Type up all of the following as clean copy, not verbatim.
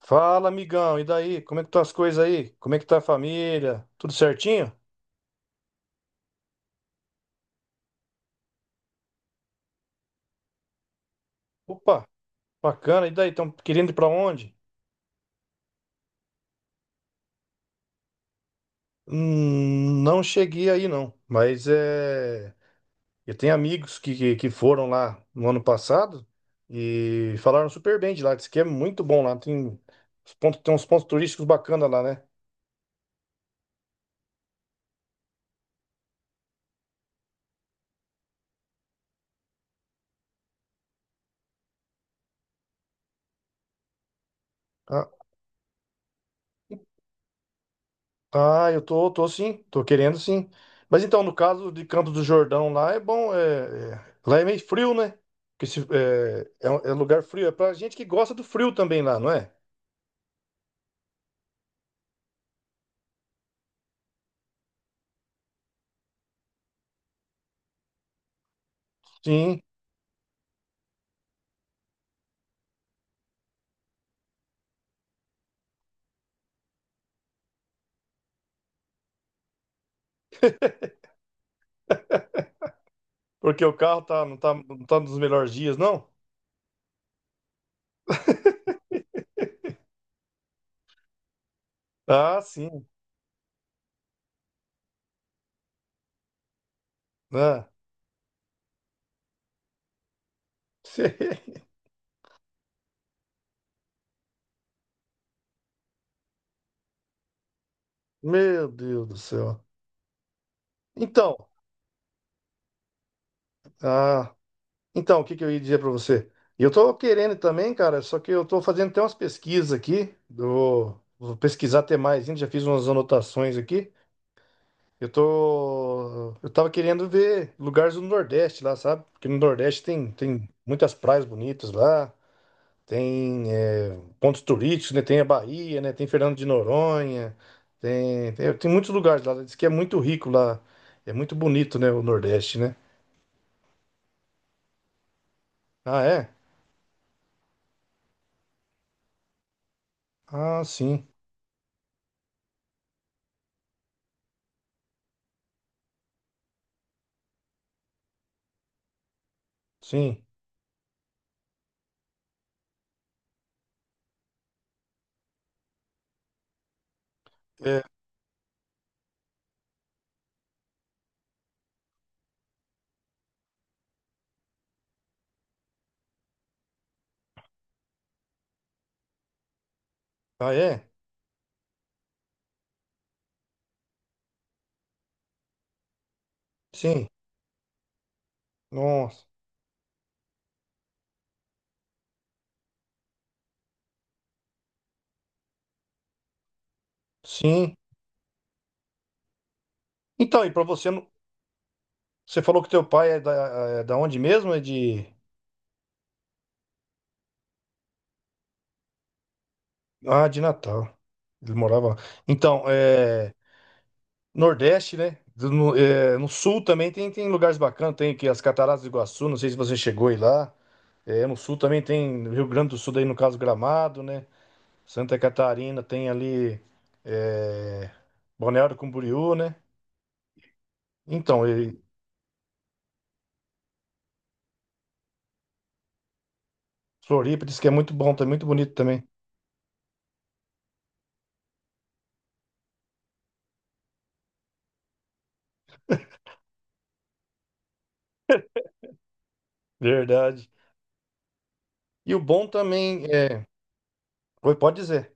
Fala, amigão, e daí? Como é que estão as coisas aí? Como é que tá a família? Tudo certinho? Opa, bacana. E daí, estão querendo ir para onde? Não cheguei aí não, mas é, eu tenho amigos que foram lá no ano passado e falaram super bem de lá, disse que é muito bom lá, tem, tem uns pontos turísticos bacanas lá, né? Ah, eu tô querendo sim. Mas então, no caso de Campos do Jordão, lá é bom, lá é meio frio, né? Porque se- é, é, um- É lugar frio, é pra gente que gosta do frio também lá, não é? Sim, porque o carro tá, não tá nos melhores dias, não? Ah, sim, né? Meu Deus do céu. Então, ah, então, o que que eu ia dizer pra você? Eu tô querendo também, cara, só que eu tô fazendo até umas pesquisas aqui, do, vou pesquisar até mais, ainda já fiz umas anotações aqui. Eu tô. Eu tava querendo ver lugares do Nordeste lá, sabe? Porque no Nordeste tem muitas praias bonitas lá, tem é, pontos turísticos, né? Tem a Bahia, né? Tem Fernando de Noronha, tem muitos lugares lá. Diz que é muito rico lá. É muito bonito, né? O Nordeste, né? Ah, é? Ah, sim, sim. É. Ah, é? Sim. Nossa. Sim. Então, e pra você, você falou que teu pai é da onde mesmo? É de. Ah, de Natal. Ele morava lá. Então, é, Nordeste, né? No Sul também tem, tem lugares bacanas. Tem aqui as Cataratas do Iguaçu, não sei se você chegou aí lá. É, no Sul também tem Rio Grande do Sul, daí no caso Gramado, né? Santa Catarina tem ali é, Balneário Camboriú, né? Então, e Floripa diz que é muito bom, tá muito bonito também. Verdade. E o bom também é. Oi, pode dizer.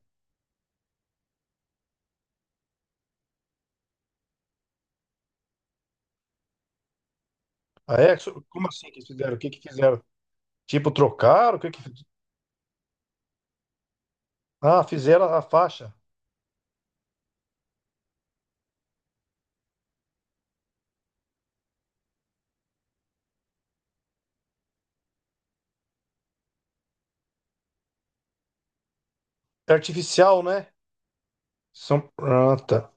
Ah, é? Como assim que eles fizeram? O que que fizeram? Tipo, trocaram? O que que Ah, fizeram a faixa. É artificial, né? São... Ah, tá.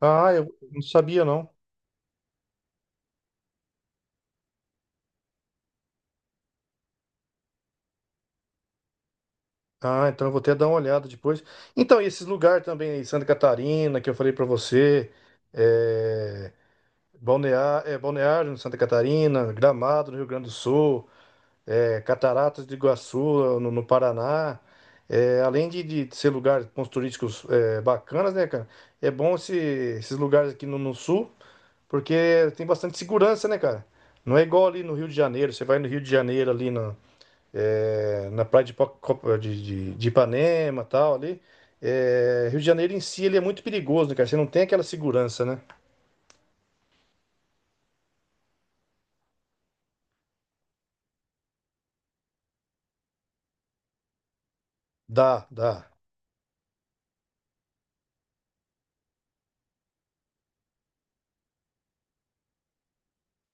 Ah, eu não sabia, não. Ah, então eu vou até dar uma olhada depois. Então, e esses lugares também aí, Santa Catarina, que eu falei pra você, é... é, Balneário, em Santa Catarina, Gramado, no Rio Grande do Sul, é, Cataratas de Iguaçu, no Paraná. É, além de ser lugares pontos turísticos é, bacanas, né, cara? É bom esse- esses lugares aqui no no sul. Porque tem bastante segurança, né, cara? Não é igual ali no Rio de Janeiro. Você vai no Rio de Janeiro, ali na, é, na praia de, Ipa- Copa- de Ipanema e tal, ali. É, Rio de Janeiro em si, ele é muito perigoso, né, cara? Você não tem aquela segurança, né? Dá, dá.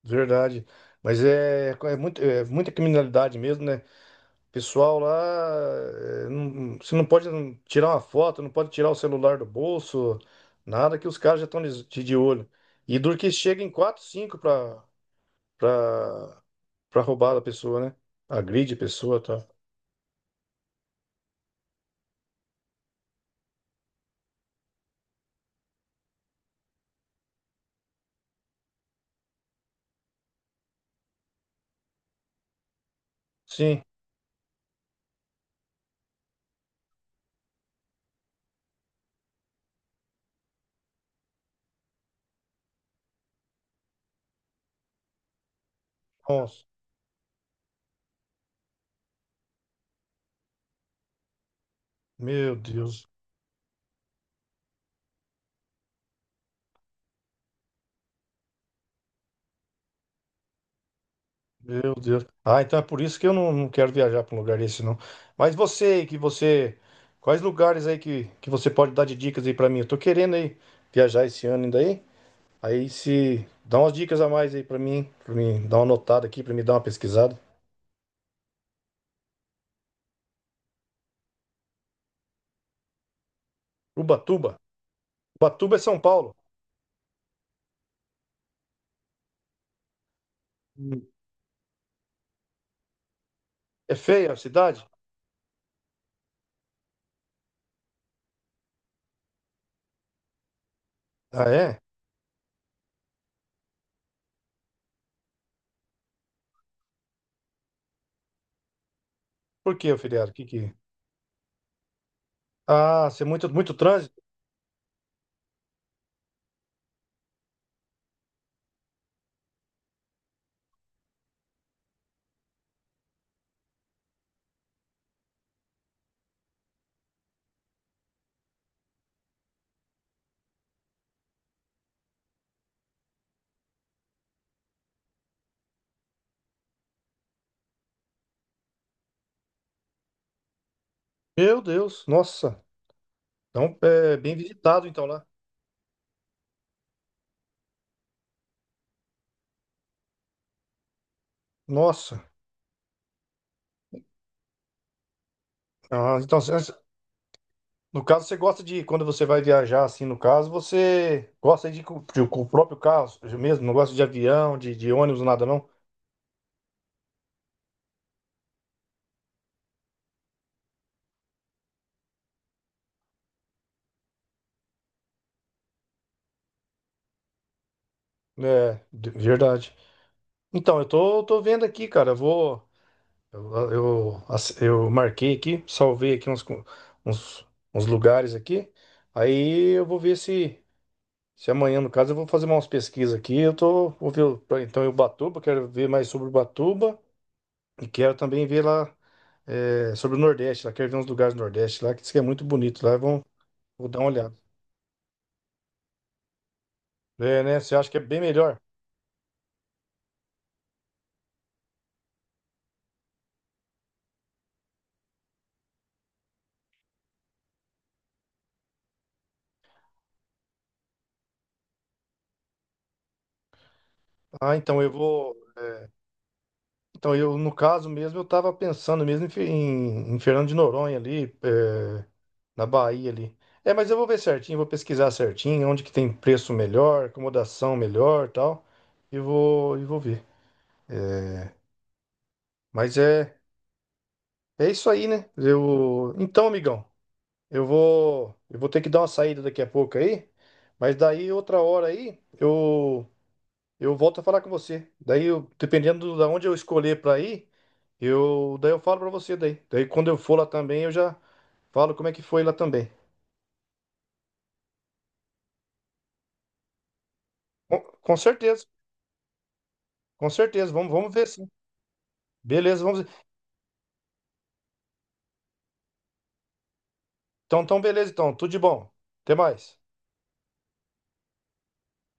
Verdade. Mas é é muita criminalidade mesmo, né? Pessoal lá, você não pode tirar uma foto, não pode tirar o celular do bolso, nada que os caras já estão de olho. E duro que chega em 4, 5 para pra, pra roubar a pessoa, né? Agride a pessoa, tá? Sim. Nossa, meu Deus, meu Deus. Ah, então é por isso que eu não, não quero viajar para um lugar desse, não. Mas você, que você... Quais lugares aí que você pode dar de dicas aí para mim? Eu tô querendo aí viajar esse ano ainda aí. Aí se... Dá umas dicas a mais aí para mim dar uma notada aqui, para me dar uma pesquisada. Ubatuba. Ubatuba é São Paulo. Hum. É feia a cidade? Ah, é? Por que, o feriado? Que... Ah, ser muito, muito trânsito? Meu Deus, nossa. Então, é bem visitado, então, lá. Nossa. Ah, então, cê- no caso, você gosta de, quando você vai viajar, assim, no caso, você gosta de ir com, com o próprio carro mesmo, não gosta de avião, de ônibus, nada, não? É, verdade. Então, eu tô, tô vendo aqui, cara, eu vou... Eu marquei aqui, salvei aqui uns, uns, uns lugares aqui, aí eu vou ver se... Se amanhã, no caso, eu vou fazer umas pesquisas aqui. Eu tô, vou ver então em Ubatuba, quero ver mais sobre Ubatuba e quero também ver lá eh, sobre o Nordeste. Lá quero ver uns lugares do Nordeste lá que diz que é muito bonito. Lá vão, vou dar uma olhada. É, né? Você acha que é bem melhor? Ah, então eu vou. Então eu, no caso mesmo, eu tava pensando mesmo em, em Fernando de Noronha ali, eh, na Bahia ali. É, mas eu vou ver certinho, vou pesquisar certinho onde que tem preço melhor, acomodação melhor, e tal. E vou ver. Mas é É isso aí, né? Eu... Então, amigão, eu vou ter que dar uma saída daqui a pouco aí, mas daí outra hora aí eu volto a falar com você. Dependendo da onde eu escolher para ir, eu falo para você daí. Daí quando eu for lá também eu já falo como é que foi lá também. Com certeza, com certeza. Vamos, vamos ver sim. Beleza, vamos. Ver. Então, então beleza, então. Tudo de bom. Até mais.